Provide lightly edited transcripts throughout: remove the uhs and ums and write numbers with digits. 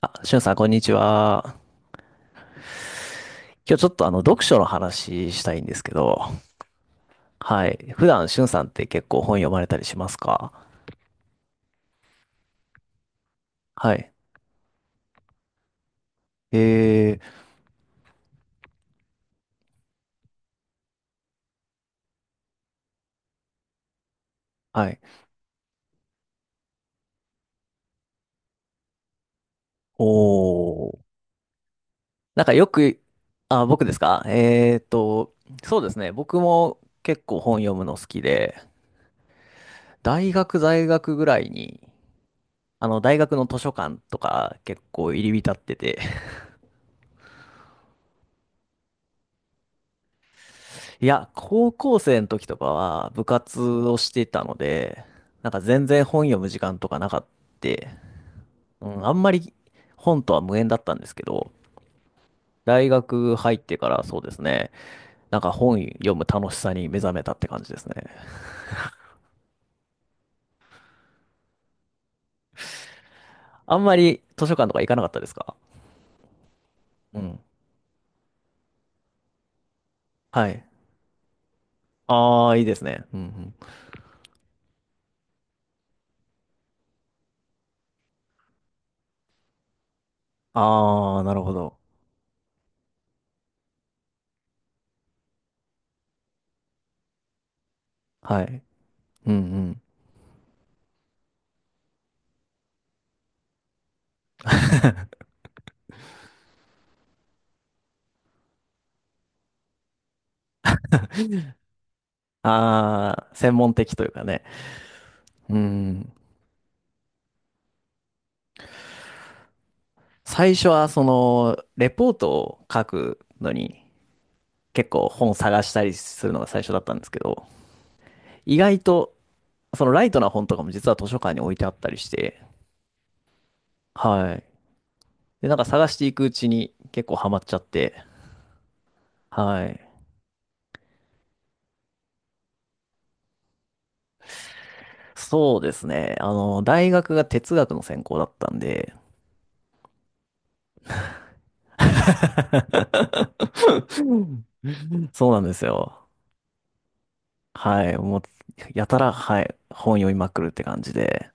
あ、しゅんさん、こんにちは。今日ちょっと読書の話したいんですけど、はい。普段、しゅんさんって結構本読まれたりしますか？はい。えー、はい。おー。なんかよく、あ、僕ですか？そうですね。僕も結構本読むの好きで、大学在学ぐらいに、大学の図書館とか結構入り浸ってて、いや、高校生の時とかは部活をしていたので、なんか全然本読む時間とかなかった。うん、あんまり本とは無縁だったんですけど、大学入ってからそうですね、なんか本読む楽しさに目覚めたって感じですね。あんまり図書館とか行かなかったですか？うん。はい。ああ、いいですね。うんうん。ああ、なるほど。はい。うんうん。ああ、専門的というかね。うん。最初はそのレポートを書くのに結構本探したりするのが最初だったんですけど、意外とそのライトな本とかも実は図書館に置いてあったりして、はい。で、なんか探していくうちに結構ハマっちゃって、はい。そうですね。大学が哲学の専攻だったんで、そうなんですよ。はい。もう、やたら、はい。本読みまくるって感じで。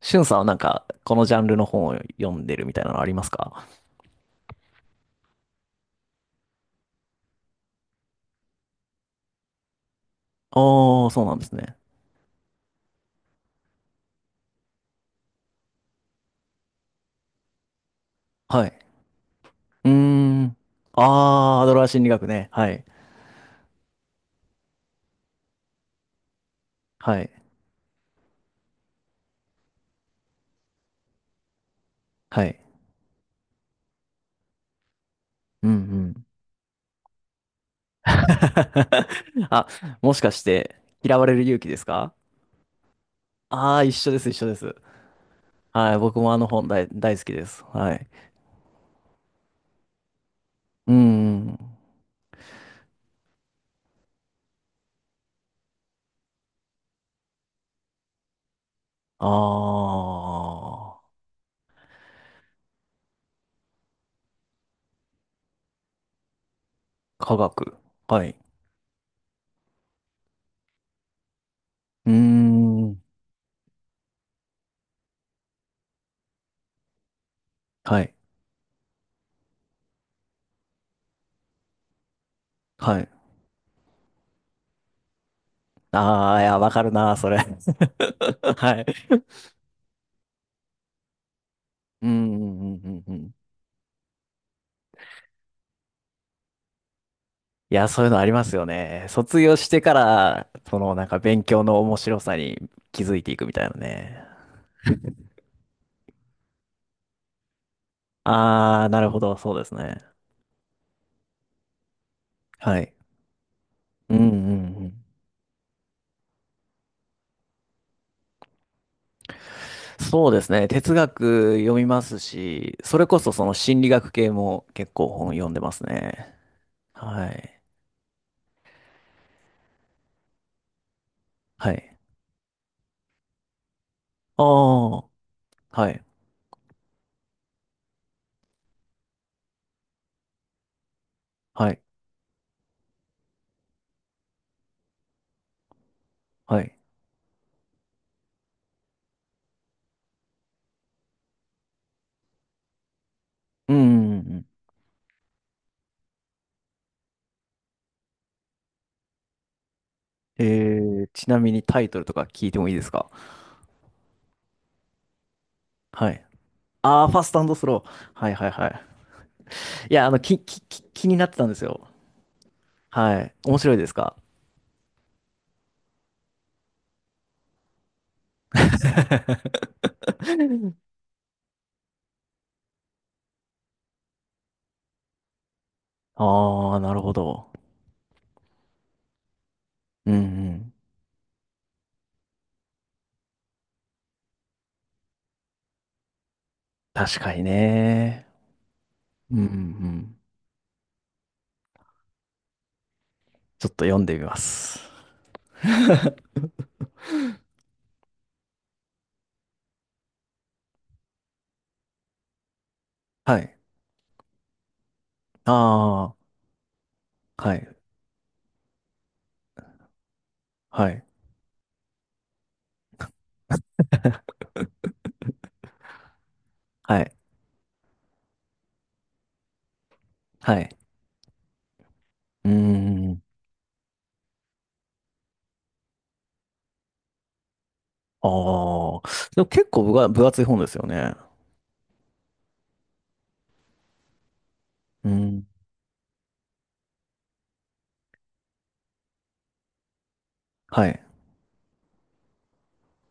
しゅんさんはなんか、このジャンルの本を読んでるみたいなのありますか？ああー、そうなんですね。はい。うーん。ああ、アドラー心理学ね。はい。はい。はい。うんうん。あ、もしかして、嫌われる勇気ですか？ああー、一緒です、一緒です。はい。僕もあの本大好きです。はい。うんうん。ああ、科学。はい。うーん。はい。はい。ああ、いや、わかるな、それ。はい。うんうんうんうんうん。いや、そういうのありますよね。卒業してから、そのなんか勉強の面白さに気づいていくみたいなね。あー、なるほど、そうですね。はい。うんうんうん。そうですね。哲学読みますし、それこそその心理学系も結構本読んでますね。はい。はい。あー、はい。はい。はい。うんうんうん。えちなみにタイトルとか聞いてもいいですか？はい。ああ、ファストスロー。はいはいはい。いや、き、き、き、気になってたんですよ。はい。面白いですか？ああー、なるほど。うんうん。確かにね。うんうんうん。ちょっと読んでみます。はい。ああ、はい。はい。はい。はい。うーん。ああ。でも結構分厚い本ですよね。うん。はい。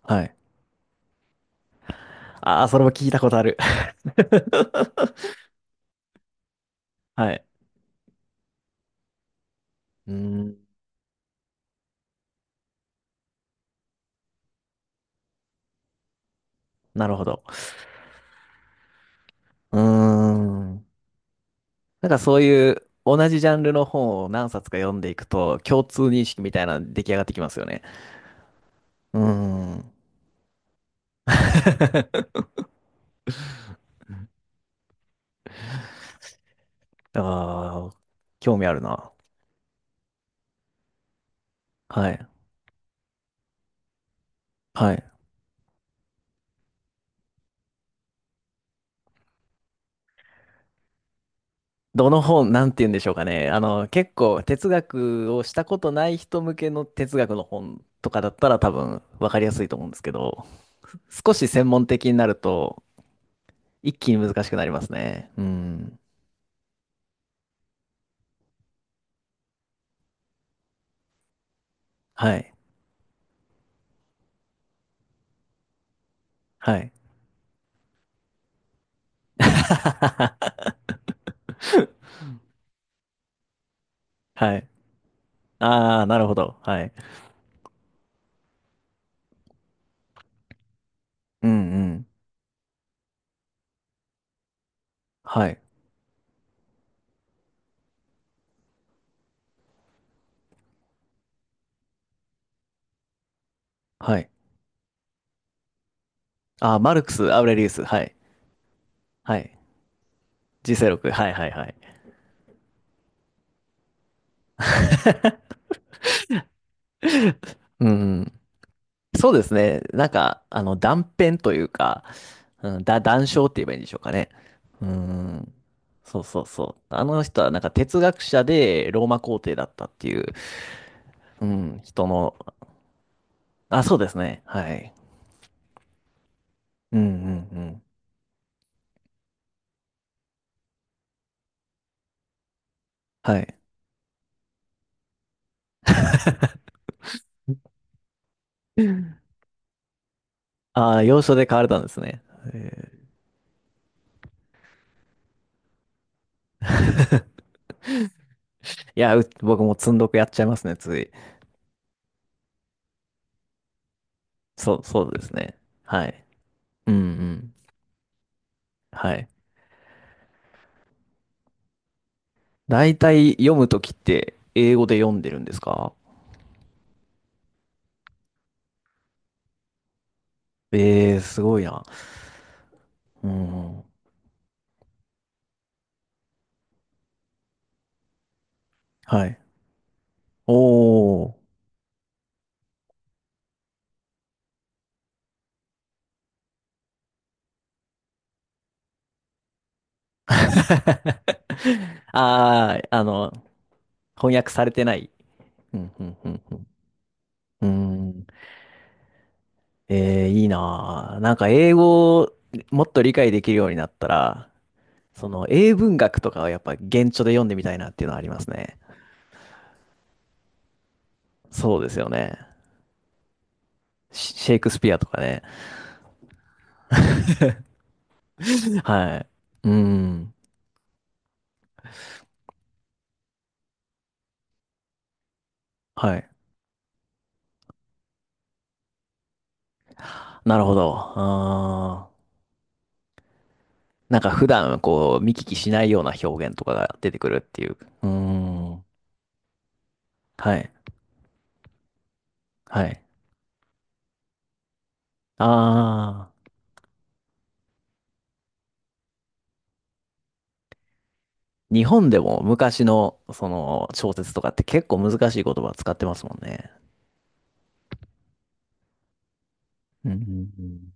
はい。ああ、それも聞いたことある。はい。うーん。なるほど。うーん。なんかそういう同じジャンルの本を何冊か読んでいくと共通認識みたいなの出来上がってきますよね。うーん。ああ、興味あるな。はい。はい。どの本、なんて言うんでしょうかね。結構哲学をしたことない人向けの哲学の本とかだったら多分分かりやすいと思うんですけど、少し専門的になると一気に難しくなりますね。うん。はい。はい。はい。ああ、なるほど。はい。うんうん。はい。はい。あ、マルクス、アウレリウス。はい。はい。g 録。はいはいはい。うん。そうですね。なんか、断片というか、うん、断章って言えばいいんでしょうかね。うん。そうそうそう。あの人はなんか哲学者でローマ皇帝だったっていう、うん、人の、あ、そうですね。はい。うんうんうん。はい。ああ、要所で買われたんですね。えーいや、僕も積んどくやっちゃいますね、つい。そう、そうですね。はい。うんうん。はい。大体読むときって英語で読んでるんですか？ええー、すごいな。うん。はい。おー。あー、翻訳されてない。うん、うん、うん、うん。うーん。えー、いいなー。なんか英語をもっと理解できるようになったら、その英文学とかはやっぱ原著で読んでみたいなっていうのはありますね。そうですよね。シェイクスピアとかね。はい。うん。はい。なるほど。あーなんか普段こう見聞きしないような表現とかが出てくるっていう。うーん。はい。はい。ああ。日本でも昔のその小説とかって結構難しい言葉使ってますもんね。うんうんうん